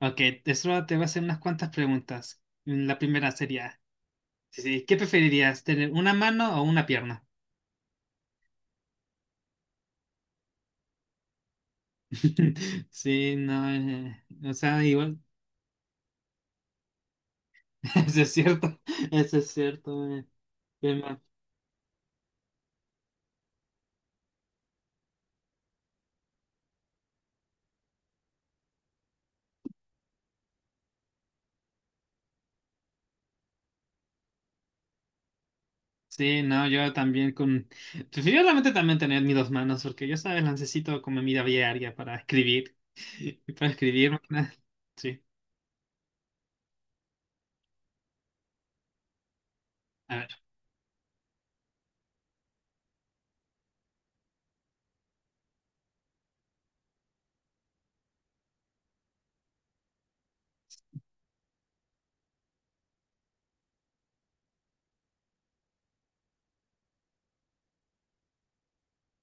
Ok, eso te voy a hacer unas cuantas preguntas. La primera sería, sí, sí, ¿qué preferirías, tener una mano o una pierna? Sí, no, o sea, igual, eso es cierto, eso es cierto. Pero- Sí, no, yo también preferiblemente también tener mis dos manos, porque yo, sabes, las necesito como en mi vida diaria para escribir, para escribir, más que nada. Sí, a ver,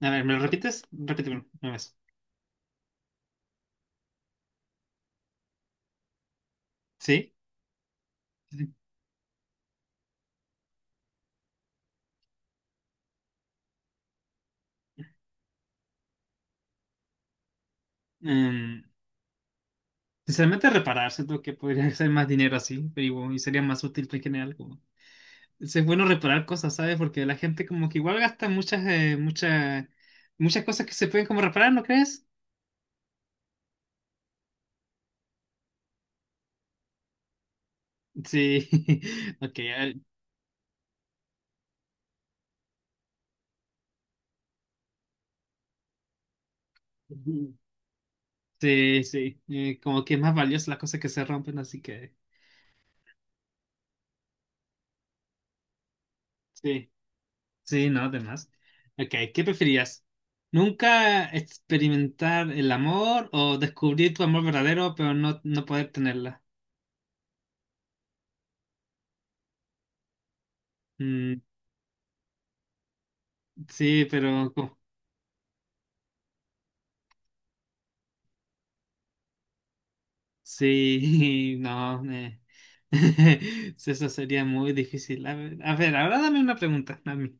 a ver, ¿me lo repites? Repíteme una vez. ¿Sí? Mm. Sinceramente, reparar, siento que podría ser más dinero así, pero igual, y sería más útil en general. Como... Es bueno reparar cosas, ¿sabes? Porque la gente como que igual gasta muchas, muchas, muchas cosas que se pueden como reparar, ¿no crees? Sí, ok. Sí, sí, como que es más valiosa las cosas que se rompen, así que sí, sí, no, además. Ok, ¿qué preferías? ¿Nunca experimentar el amor o descubrir tu amor verdadero pero no, no poder tenerla? Mm, sí, pero... Sí, no, me... Eso sería muy difícil. A ver, ahora dame una pregunta a mí.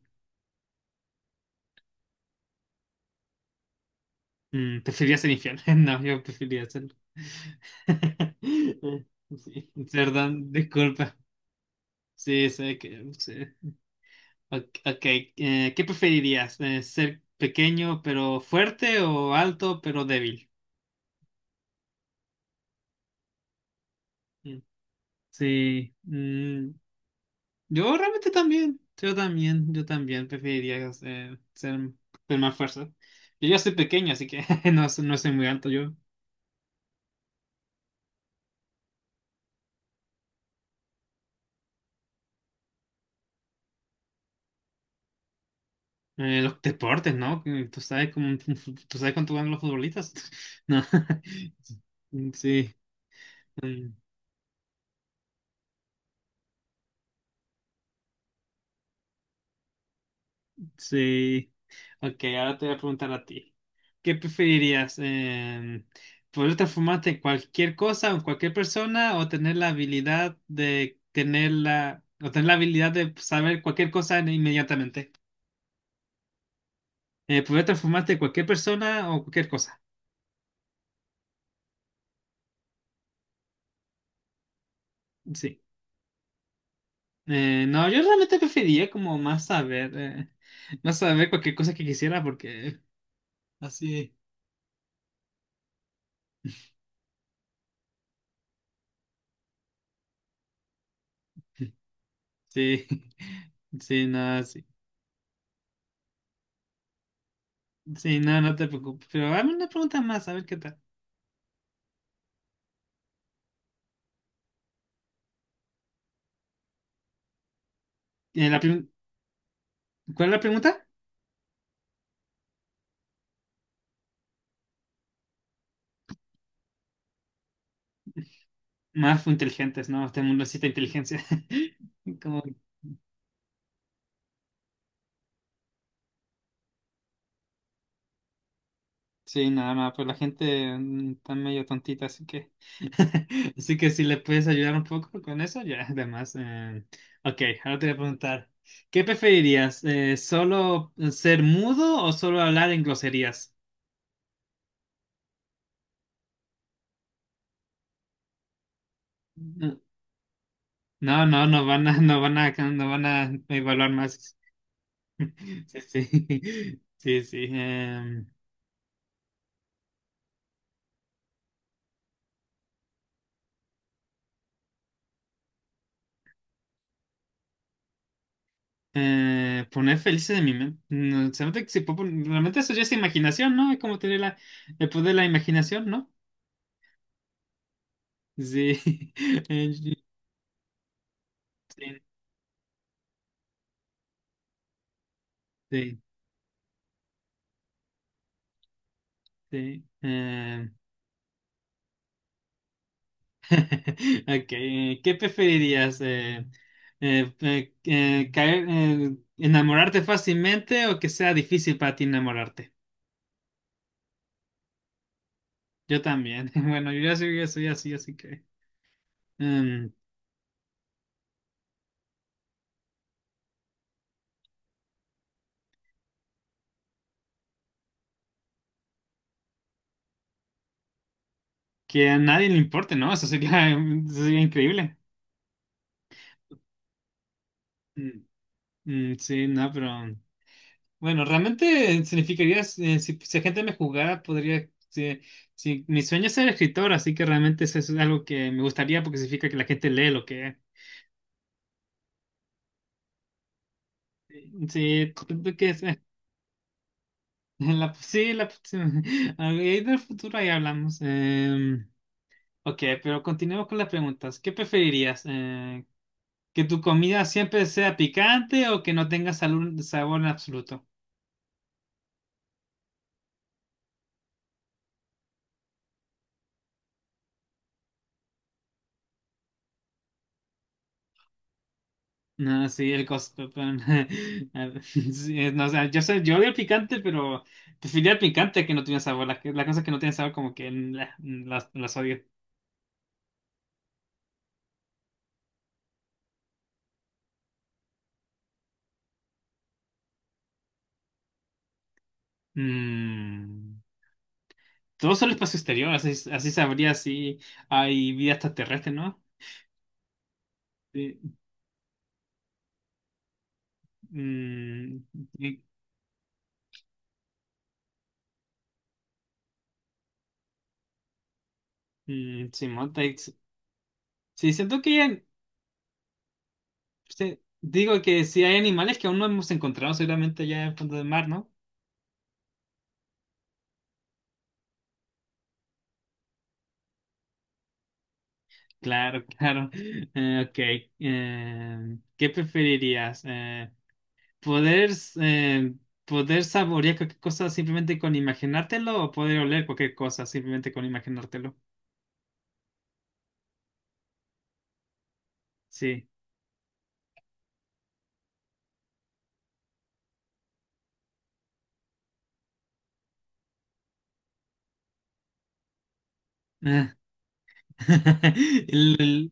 Mm, ¿preferirías ser infierno? No, yo preferiría hacerlo. Sí, perdón, disculpa. Sí, sé que... sí. Ok, ok, ¿qué preferirías? ¿Ser pequeño pero fuerte o alto pero débil? Mm. Sí, mm. Yo realmente también, yo también preferiría eh, ser, ser más fuerza. Yo ya soy pequeño, así que no, no soy muy alto yo. Los deportes, ¿no? Que tú sabes cómo, tú sabes cuánto ganan los futbolistas. No. Sí. Mm. Sí. Ok, ahora te voy a preguntar a ti. ¿Qué preferirías? ¿Poder transformarte en cualquier cosa o en cualquier persona o tener la habilidad de saber cualquier cosa inmediatamente? ¿Poder transformarte en cualquier persona o cualquier cosa? Sí. No, yo realmente preferiría como más saber cualquier cosa que quisiera porque así, sí, sí, no, sí. Sí, no, no te preocupes. Pero dame una pregunta más, a ver qué tal. Eh, la prim- ¿Cuál es la pregunta? Más inteligentes, ¿no? Este mundo necesita inteligencia. Como- Sí, nada más, pues la gente está medio tontita, así que... Así que si le puedes ayudar un poco con eso, ya, además. Ok, ahora te voy a preguntar, ¿qué preferirías? ¿Solo ser mudo o solo hablar en groserías? No, no, no van a evaluar más. Sí, sí, sí, sí. Poner felices de mi mente. No, se nota que se puede realmente eso ya es imaginación, ¿no? Es como tener la, el poder de la imaginación, ¿no? Sí. Sí, sí, sí. Eh. Ok, ¿qué preferirías? ¿Enamorarte fácilmente o que sea difícil para ti enamorarte? Yo también. Bueno, ya soy así, así que... em, que a nadie le importe, ¿no? Eso sería, eso sería increíble. Mm. Mm, sí, no, pero bueno, realmente significaría, si la gente me jugara, podría, sí, sí, mi sueño es ser escritor, así que realmente eso es algo que me gustaría porque significa que la gente lee lo que... Sí, creo que es, sí, sí, ahí del futuro ahí hablamos. Em, ok, pero continuemos con las preguntas. ¿Qué preferirías? ¿Que tu comida siempre sea picante o que no tenga sabor en absoluto? No, sí, el costo. Pan. Ah, sí, no, o sea, yo sé, yo odio el picante, pero prefería el picante que no tiene sabor. Las cosas que no tienen sabor, como que las odio. Mm, todo solo espacio exterior, así, así sabría si hay vida extraterrestre, ¿no? Sí, mm. y- sí, monta sí, siento que sí, digo que si hay animales que aún no hemos encontrado, seguramente ya en el fondo del mar, ¿no? Claro, claro. Ok. ¿Qué preferirías? ¿Poder, eh, ¿poder saborear cualquier cosa simplemente con imaginártelo o poder oler cualquier cosa simplemente con imaginártelo? Sí. Ah. El- el-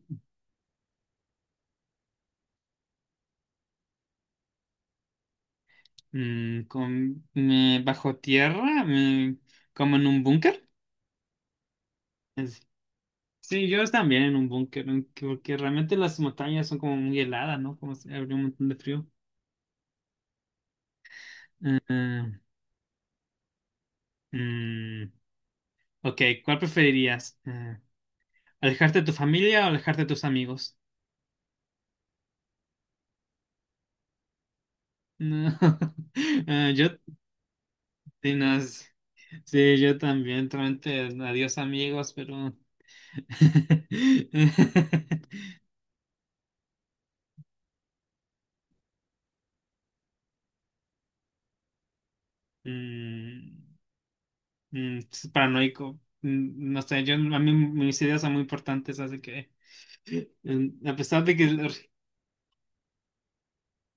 mm, bajo tierra, como en un búnker. Es- Sí, yo también en un búnker, porque realmente las montañas son como muy heladas, ¿no? Como si habría un montón de frío. Eh, mm. Ok, ¿cuál preferirías? ¿Alejarte de tu familia o alejarte de tus amigos? No. Yo, sí, no, es- sí, yo también, realmente, adiós amigos, pero... Mm, mm, es paranoico. Mm, no sé, yo, a mí mis ideas son muy importantes, así que... mm, a pesar de que...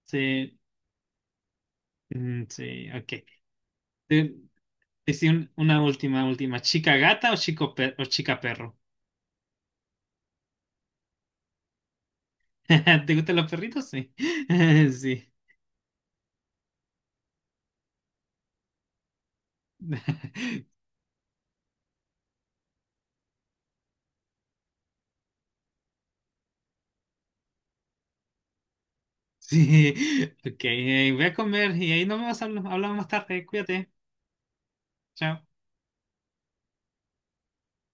Sí, mm, sí, ok. Te- te hice una última, última. ¿Chica gata o chica perro? ¿Te gustan los perritos? Sí. Sí. Sí. Ok, voy a comer y ahí nos vemos, hablamos más tarde. Cuídate. Chao.